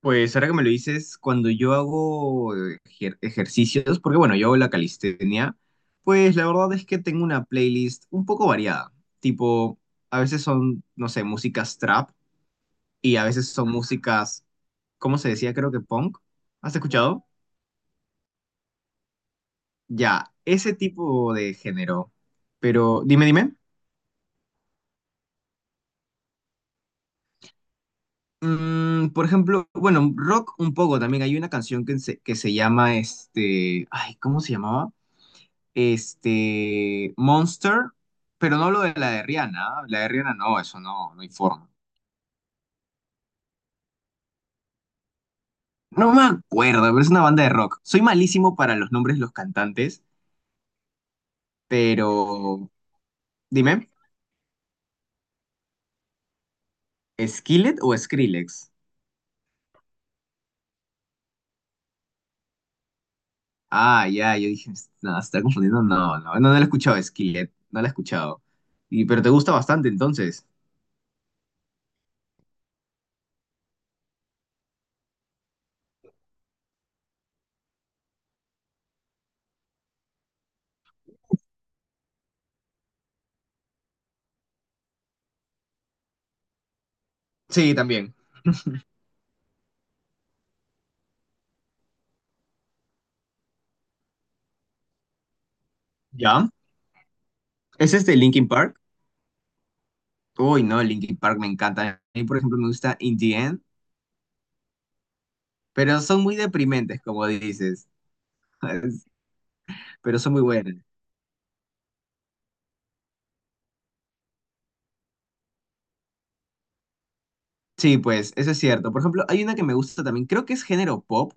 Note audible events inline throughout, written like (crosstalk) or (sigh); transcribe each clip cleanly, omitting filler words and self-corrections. Pues ahora que me lo dices, cuando yo hago ejercicios, porque bueno, yo hago la calistenia, pues la verdad es que tengo una playlist un poco variada. Tipo, a veces son, no sé, músicas trap y a veces son músicas, ¿cómo se decía? Creo que punk. ¿Has escuchado? Ya, ese tipo de género. Pero dime. Por ejemplo, bueno, rock un poco también. Hay una canción que se llama este. Ay, ¿cómo se llamaba? Este, Monster, pero no lo de la de Rihanna. ¿Ah? La de Rihanna no, eso no, no hay forma. No me acuerdo, pero es una banda de rock. Soy malísimo para los nombres de los cantantes, pero dime, ¿Skillet o Skrillex? Ah, ya, yo dije, no, se está confundiendo. No, no la he escuchado, Skillet, no la he escuchado. Y, pero te gusta bastante entonces. Sí, también. ¿Ya? ¿Es este Linkin Park? Uy, no, Linkin Park me encanta. A mí, por ejemplo, me gusta In The End, pero son muy deprimentes, como dices. (laughs) Pero son muy buenas. Sí, pues eso es cierto. Por ejemplo, hay una que me gusta también, creo que es género pop,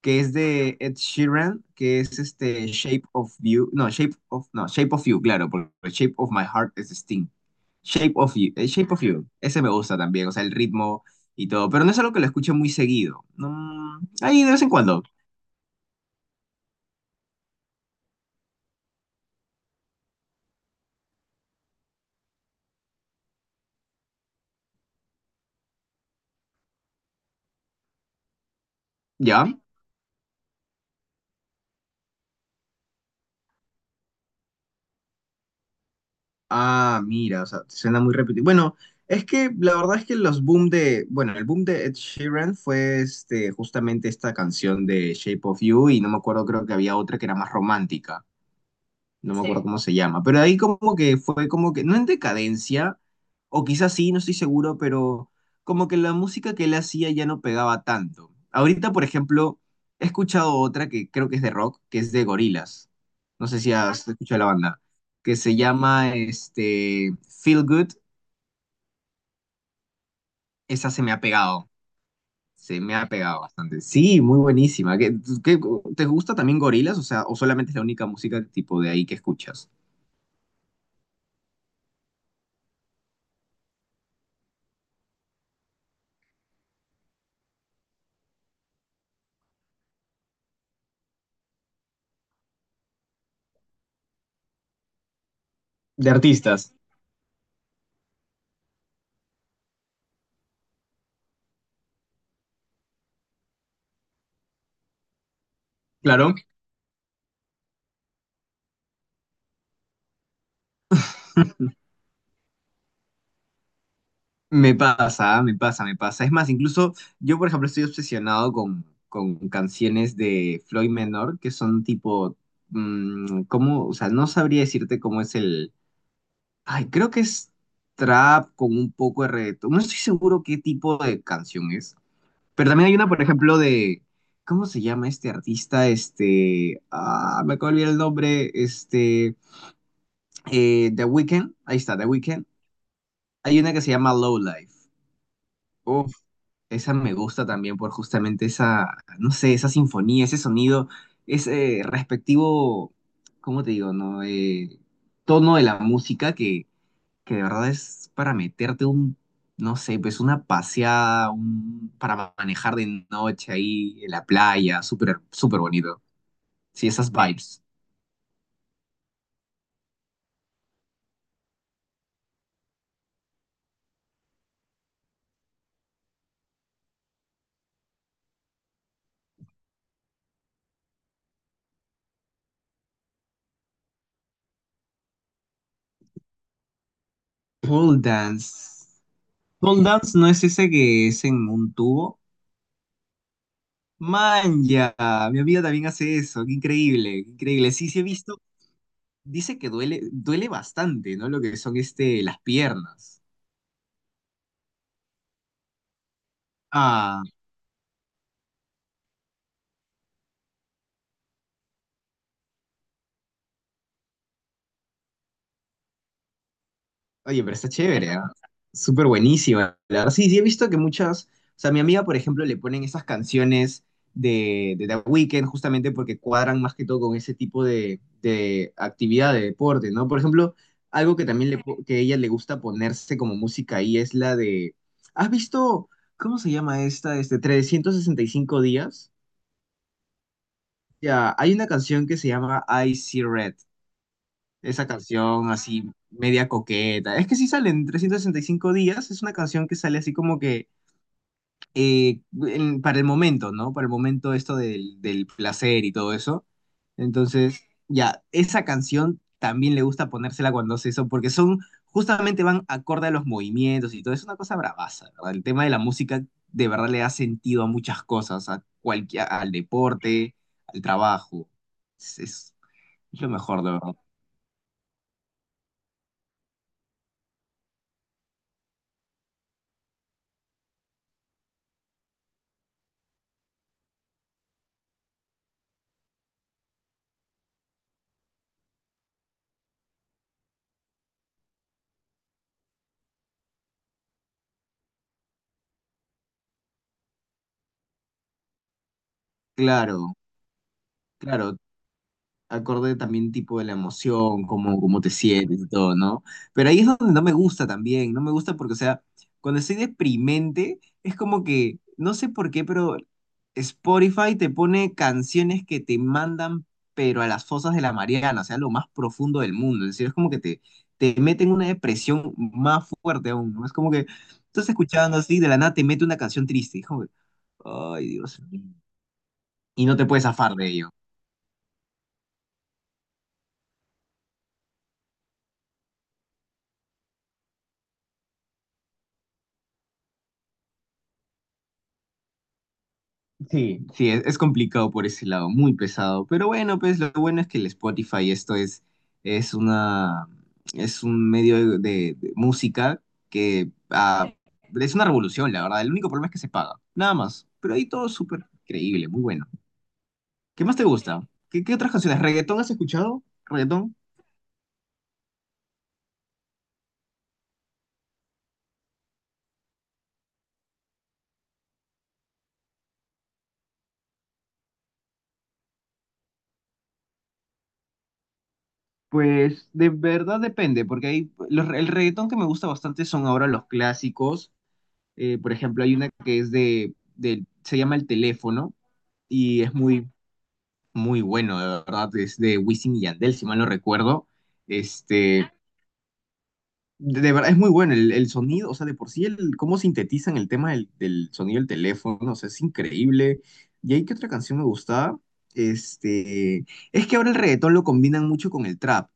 que es de Ed Sheeran, que es este Shape of You, no, Shape of, no, Shape of You, claro, porque Shape of My Heart es de Sting. Shape of You, ese me gusta también, o sea, el ritmo y todo, pero no es algo que lo escuche muy seguido. No, ahí de vez en cuando, ¿ya? Ah, mira, o sea, suena muy repetido. Bueno, es que la verdad es que los boom de, bueno, el boom de Ed Sheeran fue este, justamente esta canción de Shape of You y no me acuerdo, creo que había otra que era más romántica, no me acuerdo. Sí, cómo se llama, pero ahí como que fue como que, no en decadencia, o quizás sí, no estoy seguro, pero como que la música que él hacía ya no pegaba tanto. Ahorita, por ejemplo, he escuchado otra que creo que es de rock, que es de Gorillaz. No sé si... Ah, ¿has escuchado la banda, que se llama este Feel Good? Esa se me ha pegado. Se me ha pegado bastante. Sí, muy buenísima. ¿Qué, qué- te gusta también Gorillaz? O sea, ¿o solamente es la única música tipo de ahí que escuchas? De artistas, claro. Me pasa. Es más, incluso yo, por ejemplo, estoy obsesionado con canciones de Floyd Menor, que son tipo, ¿cómo? O sea, no sabría decirte cómo es el... Ay, creo que es trap con un poco de reggaetón. No estoy seguro qué tipo de canción es. Pero también hay una, por ejemplo, de... ¿Cómo se llama este artista? Este... Ah, me acabo de olvidar el nombre. Este... The Weeknd. Ahí está, The Weeknd. Hay una que se llama Low Life. Esa me gusta también por justamente esa, no sé, esa sinfonía, ese sonido, ese respectivo, ¿cómo te digo, no? Tono de la música que de verdad es para meterte un, no sé, pues una paseada, un, para manejar de noche ahí en la playa, súper bonito. Sí, esas vibes. Pole dance. Pole dance no es ese que es en un tubo. Man, ya, mi amiga también hace eso, qué increíble. Sí, sí he visto, dice que duele, duele bastante, ¿no? Lo que son este, las piernas. Ah, oye, pero está chévere, ¿ah? Súper buenísima, la verdad. Sí, sí, he visto que muchas, o sea, mi amiga, por ejemplo, le ponen esas canciones de The Weeknd justamente porque cuadran más que todo con ese tipo de actividad, de deporte, ¿no? Por ejemplo, algo que también que a ella le gusta ponerse como música ahí es la de, ¿has visto, cómo se llama esta, este, 365 días? Ya, hay una canción que se llama I See Red, esa canción así media coqueta. Es que si sale en 365 días, es una canción que sale así como que eh, para el momento, ¿no? Para el momento esto del placer y todo eso. Entonces, ya, esa canción también le gusta ponérsela cuando hace eso, porque son, justamente van acorde a los movimientos y todo. Es una cosa bravaza, ¿verdad? El tema de la música de verdad le da sentido a muchas cosas, a cualquier, al deporte, al trabajo. Es, es- es lo mejor, de verdad. Claro. Claro, acorde también tipo de la emoción, cómo, cómo te sientes y todo, ¿no? Pero ahí es donde no me gusta también, no me gusta porque, o sea, cuando estoy deprimente, es como que, no sé por qué, pero Spotify te pone canciones que te mandan, pero a las fosas de la Mariana, o sea, lo más profundo del mundo, es decir, es como que te mete en una depresión más fuerte aún, ¿no? Es como que tú estás escuchando así, de la nada te mete una canción triste, hijo. Ay, Dios mío. Y no te puedes zafar de ello. Sí, es complicado por ese lado, muy pesado. Pero bueno, pues lo bueno es que el Spotify, esto es una, es un medio de música que ah, es una revolución, la verdad. El único problema es que se paga, nada más. Pero ahí todo es súper increíble, muy bueno. ¿Qué más te gusta? ¿Qué, qué otras canciones? ¿Reggaetón has escuchado? ¿Reggaetón? Pues de verdad depende, porque el reggaetón que me gusta bastante son ahora los clásicos. Por ejemplo, hay una que se llama El Teléfono y es muy, muy bueno, de verdad, es de Wisin y Yandel, si mal no recuerdo. Este, de verdad es muy bueno el sonido, o sea, de por sí, el, cómo sintetizan el tema del sonido del teléfono, o sea, es increíble. Y ahí que otra canción me gustaba, este, es que ahora el reggaetón lo combinan mucho con el trap,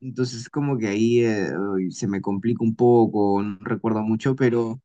entonces como que ahí uy, se me complica un poco, no recuerdo mucho,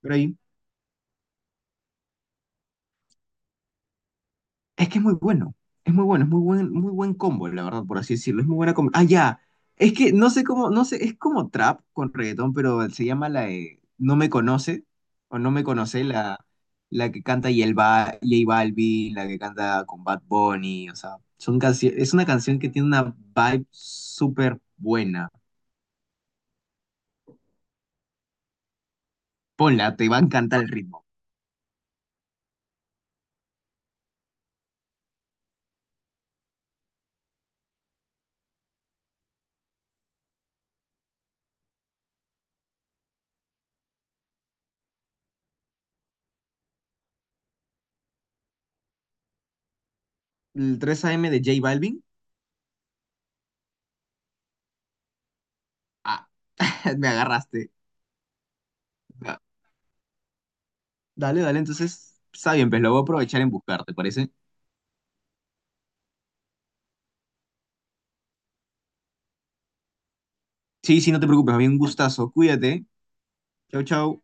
pero ahí. Es que es muy bueno, muy buen combo, la verdad, por así decirlo. Es muy buena combo. Ah, ya. Es que no sé cómo, no sé, es como trap con reggaetón, pero se llama la de No me conoce, o No me conoce, la que canta J Balvin, la que canta con Bad Bunny, o sea, es una canción que tiene una vibe súper buena. Ponla, te va a encantar el ritmo. El 3AM de J Balvin, ah, (laughs) me agarraste. Dale, dale, entonces, está bien, pues lo voy a aprovechar en buscar, ¿te parece? Sí, sí, no te preocupes, había un gustazo. Cuídate. Chau, chau.